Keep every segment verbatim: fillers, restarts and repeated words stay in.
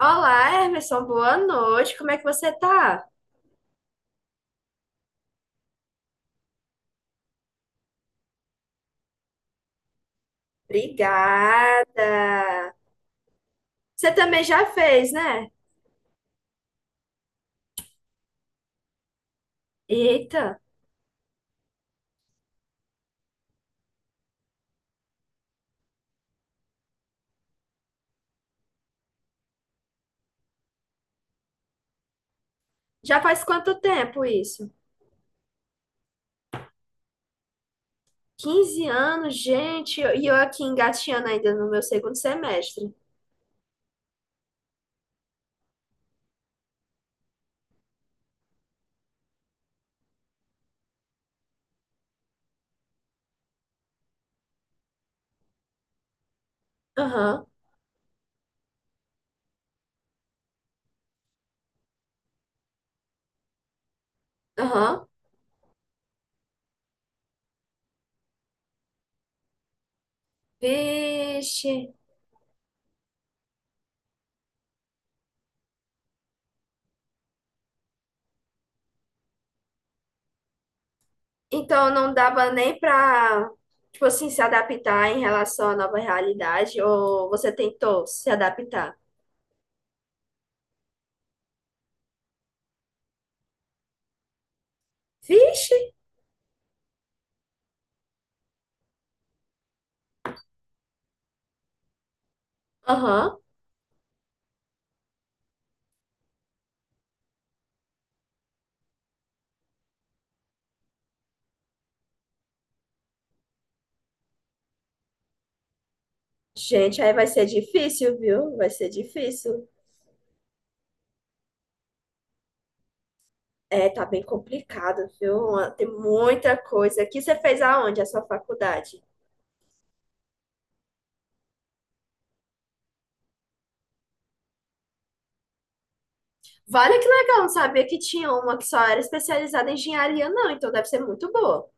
Olá, Emerson, boa noite. Como é que você tá? Obrigada. Você também já fez, né? Eita, já faz quanto tempo isso? Quinze anos, gente, e eu aqui engatinhando ainda no meu segundo semestre. Aham, aham. Vixe. Então não dava nem pra, tipo assim, se adaptar em relação à nova realidade, ou você tentou se adaptar? Vixe. Aham. Gente, aí vai ser difícil, viu? Vai ser difícil. É, tá bem complicado, viu? Tem muita coisa. Aqui você fez aonde a sua faculdade? Vale que legal, não sabia que tinha uma que só era especializada em engenharia, não, então deve ser muito boa.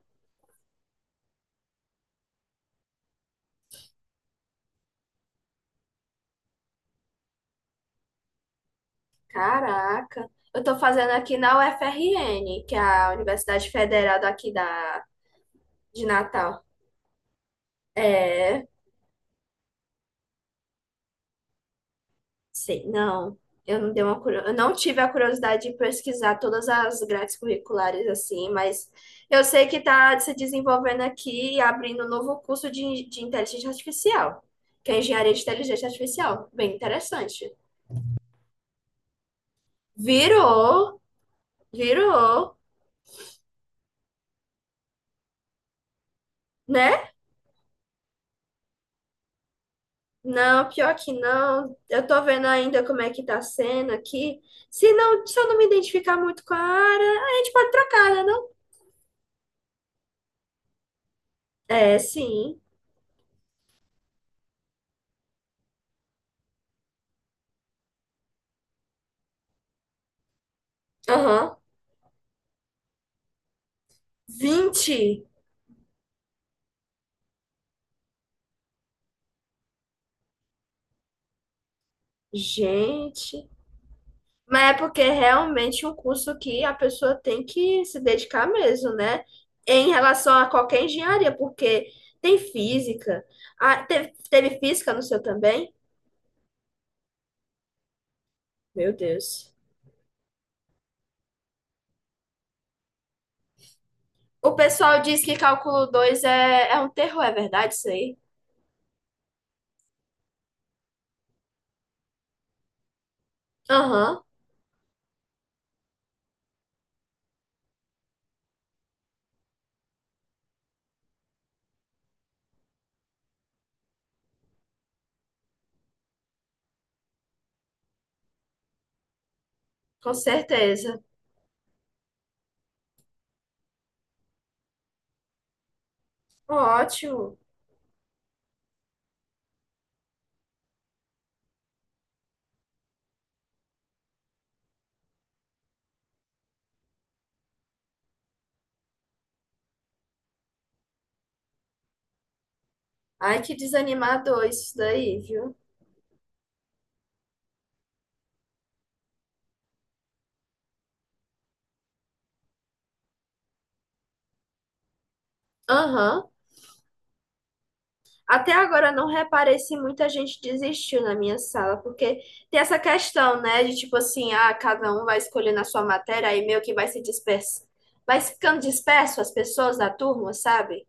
Caraca. Eu tô fazendo aqui na U F R N, que é a Universidade Federal daqui da, de Natal. É. Sei, não. Eu não dei uma, curio- eu não tive a curiosidade de pesquisar todas as grades curriculares assim, mas eu sei que está se desenvolvendo aqui e abrindo um novo curso de, de inteligência artificial, que é engenharia de inteligência artificial. Bem interessante. Virou, virou, né? Não, pior que não. Eu tô vendo ainda como é que tá sendo aqui. Se não, se eu não me identificar muito com a área, a gente pode trocar, né, não? É, sim. Aham. Vinte. Gente, mas é porque realmente é realmente um curso que a pessoa tem que se dedicar mesmo, né? Em relação a qualquer engenharia, porque tem física. Ah, teve, teve física no seu também? Meu Deus. O pessoal diz que cálculo dois é, é um terror, é verdade isso aí? Aham, com certeza. Ótimo. Ai, que desanimador isso daí, viu? Aham. Até agora eu não reparei se muita gente desistiu na minha sala, porque tem essa questão, né, de tipo assim, ah, cada um vai escolhendo a sua matéria, aí meio que vai se disperso, vai ficando disperso as pessoas da turma, sabe?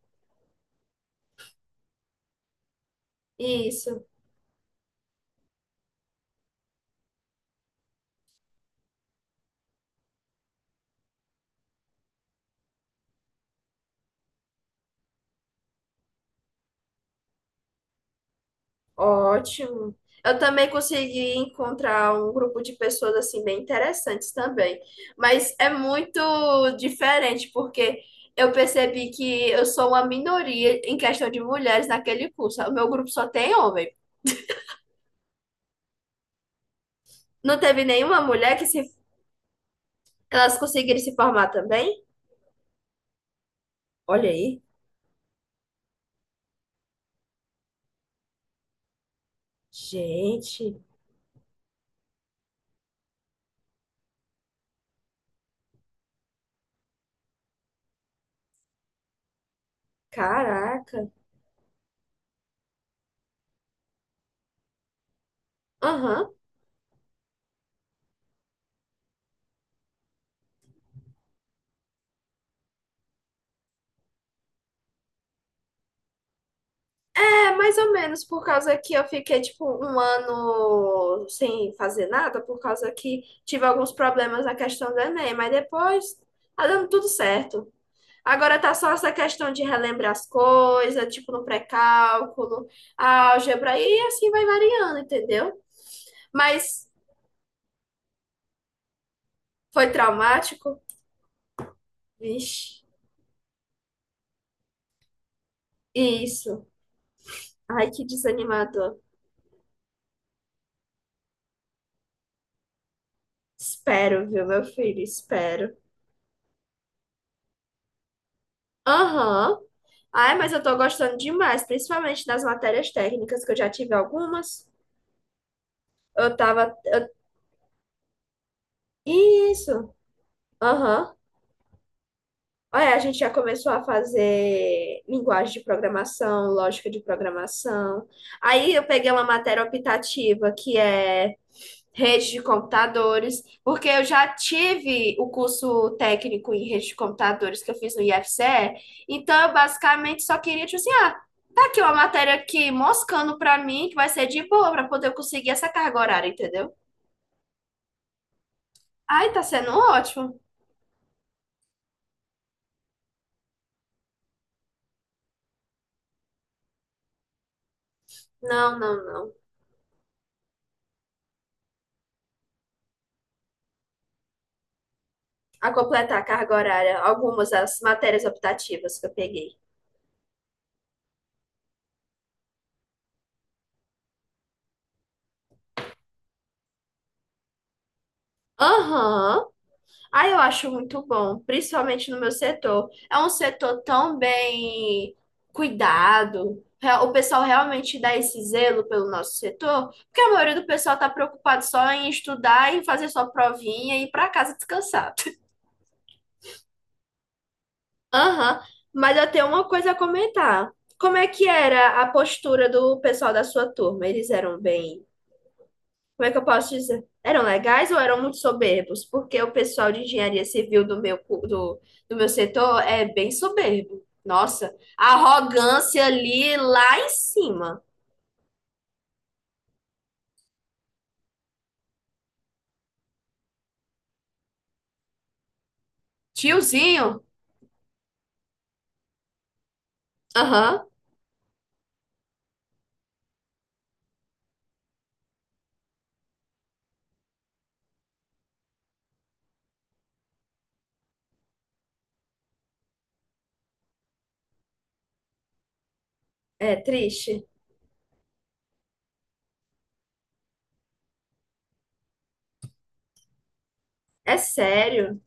Isso, ótimo. Eu também consegui encontrar um grupo de pessoas assim bem interessantes também, mas é muito diferente porque eu percebi que eu sou uma minoria em questão de mulheres naquele curso. O meu grupo só tem homens. Não teve nenhuma mulher que se, elas conseguiram se formar também? Olha aí. Gente, caraca. Aham. É, mais ou menos, por causa que eu fiquei, tipo, um ano sem fazer nada, por causa que tive alguns problemas na questão do Enem, mas depois tá dando tudo certo. Agora tá só essa questão de relembrar as coisas, tipo, no pré-cálculo, álgebra, e assim vai variando, entendeu? Mas foi traumático? Vixe, isso. Ai, que desanimador. Espero, viu, meu filho? Espero. Aham. Ai, mas eu tô gostando demais, principalmente das matérias técnicas, que eu já tive algumas. Eu tava. eu- Isso. Aham. Ah, é, a gente já começou a fazer linguagem de programação, lógica de programação. Aí eu peguei uma matéria optativa que é rede de computadores, porque eu já tive o curso técnico em rede de computadores que eu fiz no I F C E, então eu basicamente só queria, tipo assim, ah, tá aqui uma matéria aqui moscando pra mim, que vai ser de boa pra poder eu conseguir essa carga horária, entendeu? Ai, tá sendo ótimo. Não, não, não. A completar a carga horária algumas das matérias optativas que eu peguei. Aham. Aí eu acho muito bom, principalmente no meu setor. É um setor tão bem cuidado. Re- O pessoal realmente dá esse zelo pelo nosso setor, porque a maioria do pessoal está preocupado só em estudar, em fazer sua provinha e ir para casa descansar. Aham. Mas eu tenho uma coisa a comentar. Como é que era a postura do pessoal da sua turma? Eles eram bem como é que eu posso dizer? Eram legais ou eram muito soberbos? Porque o pessoal de engenharia civil do meu, cu- do, do meu setor é bem soberbo. Nossa, a arrogância ali lá em cima. Tiozinho? Aham. É triste. É sério?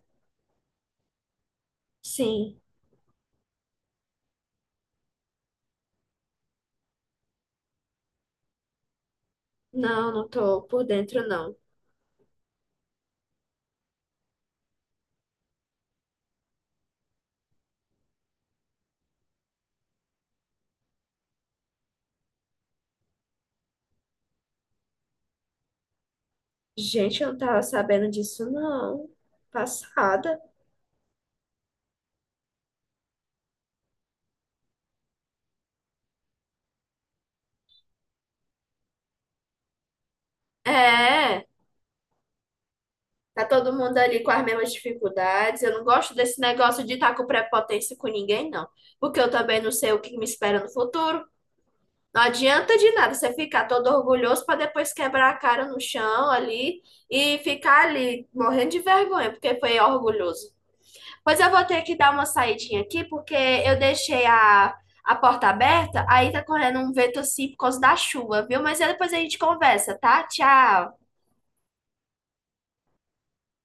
Sim. Não, não tô por dentro, não. Gente, eu não tava sabendo disso, não. Passada. É. Tá todo mundo ali com as mesmas dificuldades. Eu não gosto desse negócio de estar com prepotência com ninguém, não. Porque eu também não sei o que me espera no futuro. Não adianta de nada você ficar todo orgulhoso para depois quebrar a cara no chão ali e ficar ali morrendo de vergonha, porque foi orgulhoso. Pois eu vou ter que dar uma saidinha aqui, porque eu deixei a, a porta aberta, aí tá correndo um vento assim por causa da chuva, viu? Mas aí depois a gente conversa, tá? Tchau!